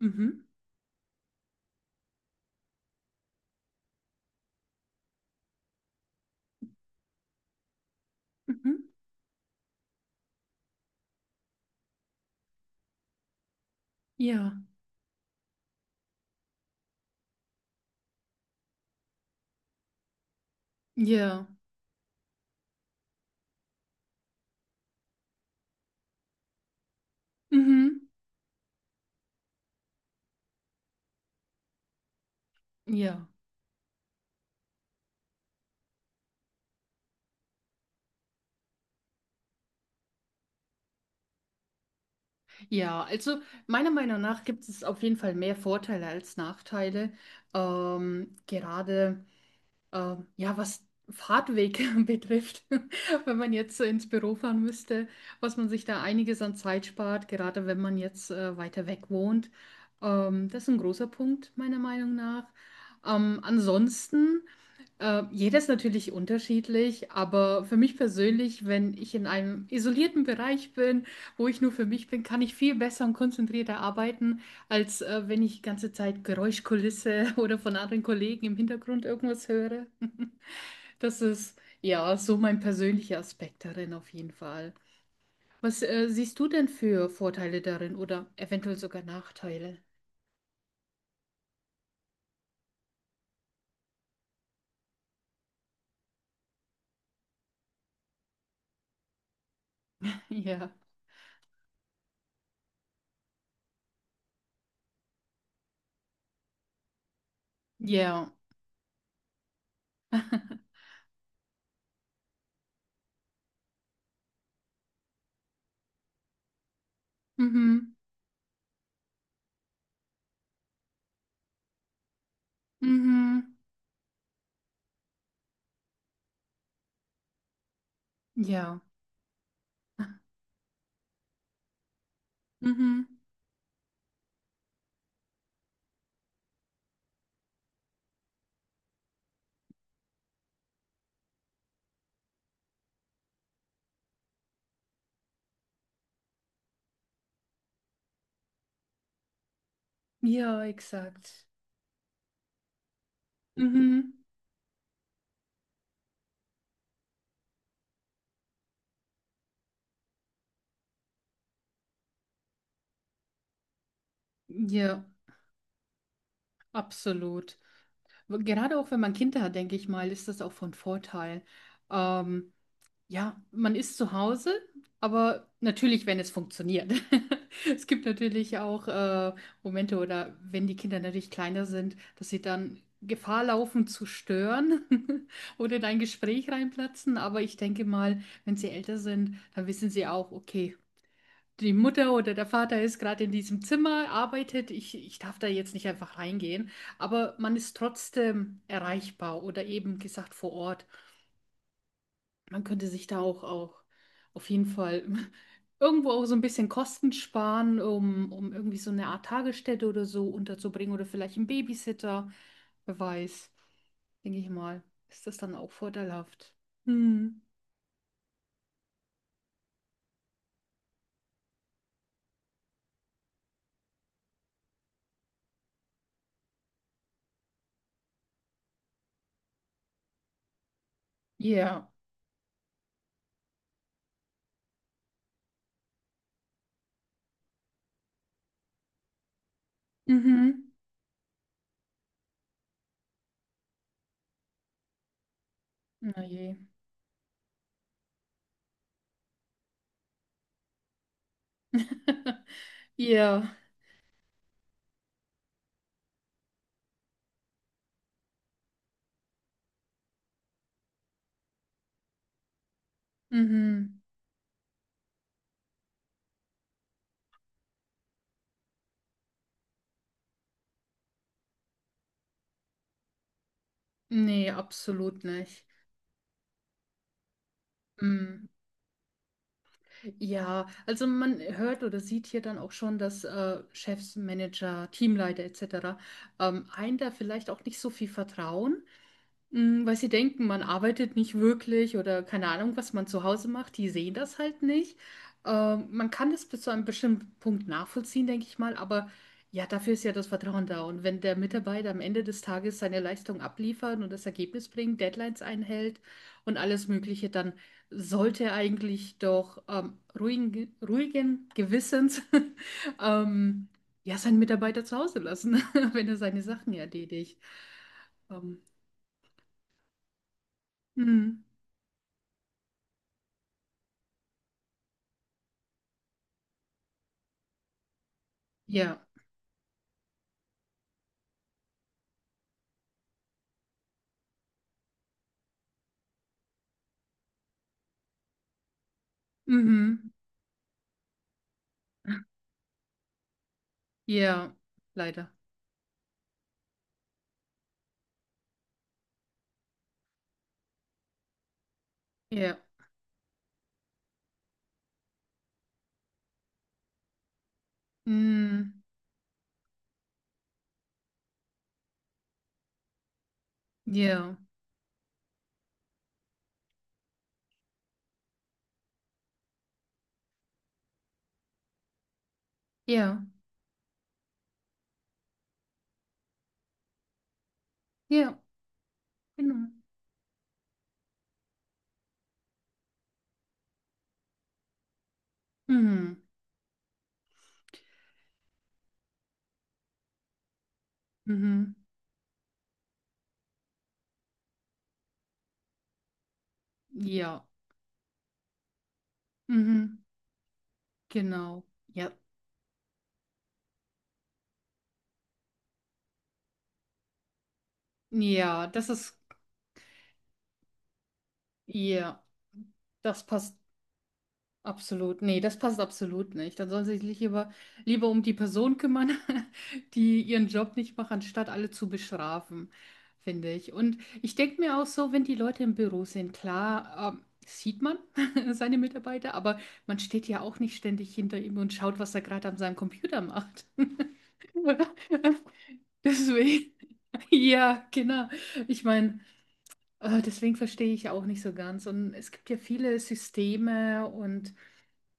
Mhm, mhm. Ja, ja, mhm, ja, ja. Also meiner Meinung nach gibt es auf jeden Fall mehr Vorteile als Nachteile. Gerade ja, was Fahrtweg betrifft, wenn man jetzt ins Büro fahren müsste, was man sich da einiges an Zeit spart, gerade wenn man jetzt weiter weg wohnt. Das ist ein großer Punkt meiner Meinung nach. Ansonsten jeder ist natürlich unterschiedlich, aber für mich persönlich, wenn ich in einem isolierten Bereich bin, wo ich nur für mich bin, kann ich viel besser und konzentrierter arbeiten, als wenn ich die ganze Zeit Geräuschkulisse oder von anderen Kollegen im Hintergrund irgendwas höre. Das ist ja so mein persönlicher Aspekt darin auf jeden Fall. Was siehst du denn für Vorteile darin oder eventuell sogar Nachteile? Ja, ja, mhm, mhm, ja, mhm. Ja, exakt. Mhm. Ja, absolut. Gerade auch wenn man Kinder hat, denke ich mal, ist das auch von Vorteil. Ähm, ja, man ist zu Hause, aber natürlich, wenn es funktioniert. Es gibt natürlich auch Momente oder wenn die Kinder natürlich kleiner sind, dass sie dann Gefahr laufen zu stören oder in ein Gespräch reinplatzen. Aber ich denke mal, wenn sie älter sind, dann wissen sie auch, okay, die Mutter oder der Vater ist gerade in diesem Zimmer, arbeitet, ich darf da jetzt nicht einfach reingehen, aber man ist trotzdem erreichbar oder eben gesagt vor Ort. Man könnte sich da auch auf jeden Fall irgendwo auch so ein bisschen Kosten sparen, um irgendwie so eine Art Tagesstätte oder so unterzubringen oder vielleicht einen Babysitter, wer weiß, denke ich mal, ist das dann auch vorteilhaft. Hm. Ja. Mhm. Na je. Ja. Mhm. Nee, absolut nicht. Mm, ja, also man hört oder sieht hier dann auch schon, dass Chefs, Manager, Teamleiter etc. Einen da vielleicht auch nicht so viel vertrauen. Mm, weil sie denken, man arbeitet nicht wirklich oder keine Ahnung, was man zu Hause macht. Die sehen das halt nicht. Man kann das bis zu einem bestimmten Punkt nachvollziehen, denke ich mal. Aber ja, dafür ist ja das Vertrauen da. Und wenn der Mitarbeiter am Ende des Tages seine Leistung abliefert und das Ergebnis bringt, Deadlines einhält und alles Mögliche, dann sollte er eigentlich doch ruhigen Gewissens ähm, ja, seinen Mitarbeiter zu Hause lassen, wenn er seine Sachen erledigt. Ähm, hm. Ja. Mhm. Ja. Leider. Ja. Mhm. Ja. Ja. Ja. Genau. Mhm. Mhm. Ja. Mhm. Genau. Ja. Ja, das ist. Ja. Das passt. Absolut, nee, das passt absolut nicht. Dann sollen sie sich lieber um die Person kümmern, die ihren Job nicht macht, anstatt alle zu bestrafen, finde ich. Und ich denke mir auch so, wenn die Leute im Büro sind, klar, sieht man seine Mitarbeiter, aber man steht ja auch nicht ständig hinter ihm und schaut, was er gerade an seinem Computer macht. Deswegen, ja, genau. Ich meine, deswegen verstehe ich auch nicht so ganz. Und es gibt ja viele Systeme und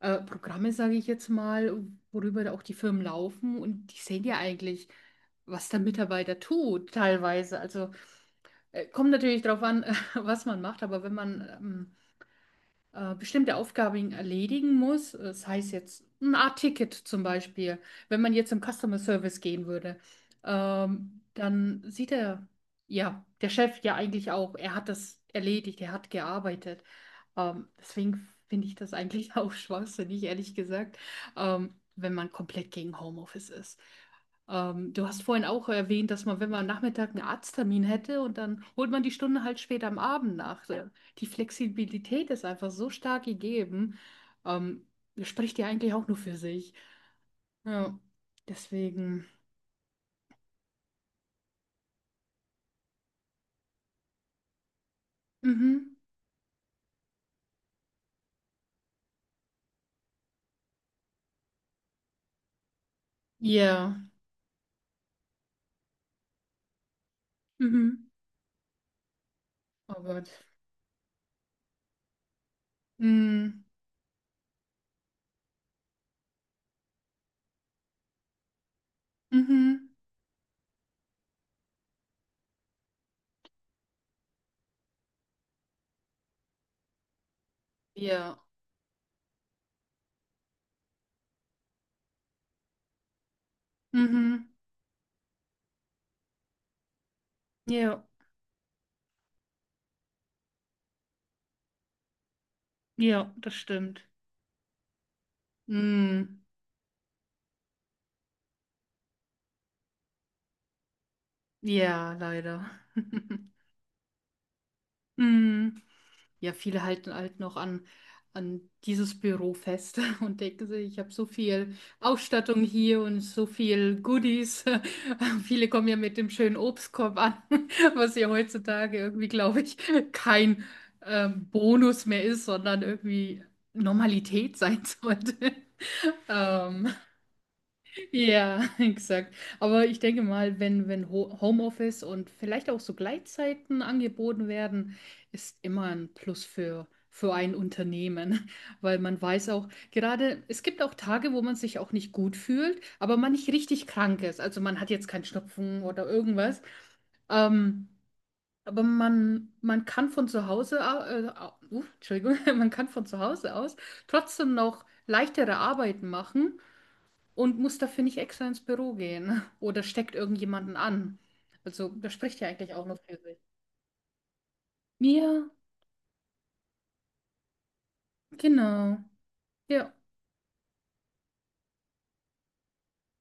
Programme, sage ich jetzt mal, worüber da auch die Firmen laufen und die sehen ja eigentlich, was der Mitarbeiter tut, teilweise. Also kommt natürlich darauf an, was man macht, aber wenn man bestimmte Aufgaben erledigen muss. Das heißt jetzt ein Art Ticket zum Beispiel, wenn man jetzt im Customer Service gehen würde, dann sieht er, ja, der Chef ja eigentlich auch, er hat das erledigt, er hat gearbeitet. Deswegen finde ich das eigentlich auch schwachsinnig, ehrlich gesagt, wenn man komplett gegen Homeoffice ist. Du hast vorhin auch erwähnt, dass man, wenn man am Nachmittag einen Arzttermin hätte und dann holt man die Stunde halt später am Abend nach. So, die Flexibilität ist einfach so stark gegeben. Ähm, das spricht ja eigentlich auch nur für sich. Ja, deswegen. Mhm. Ja. Mhm. Oh Gott. Mhm. Mhm. Ja. Mhm. Ja. Ja, das stimmt. Mhm. Ja, leider. Mhm. Ja, viele halten halt noch an, an dieses Büro fest und denken sich, ich habe so viel Ausstattung hier und so viel Goodies. Viele kommen ja mit dem schönen Obstkorb an, was ja heutzutage irgendwie, glaube ich, kein Bonus mehr ist, sondern irgendwie Normalität sein sollte. Ähm, ja, exakt. Aber ich denke mal, wenn, wenn Homeoffice und vielleicht auch so Gleitzeiten angeboten werden, ist immer ein Plus für ein Unternehmen, weil man weiß auch, gerade es gibt auch Tage, wo man sich auch nicht gut fühlt, aber man nicht richtig krank ist. Also man hat jetzt keinen Schnupfen oder irgendwas. Ähm, aber man kann von zu Hause, Entschuldigung, man kann von zu Hause aus trotzdem noch leichtere Arbeiten machen und muss dafür nicht extra ins Büro gehen oder steckt irgendjemanden an. Also, das spricht ja eigentlich auch nur für sich. Ja, genau. Ja.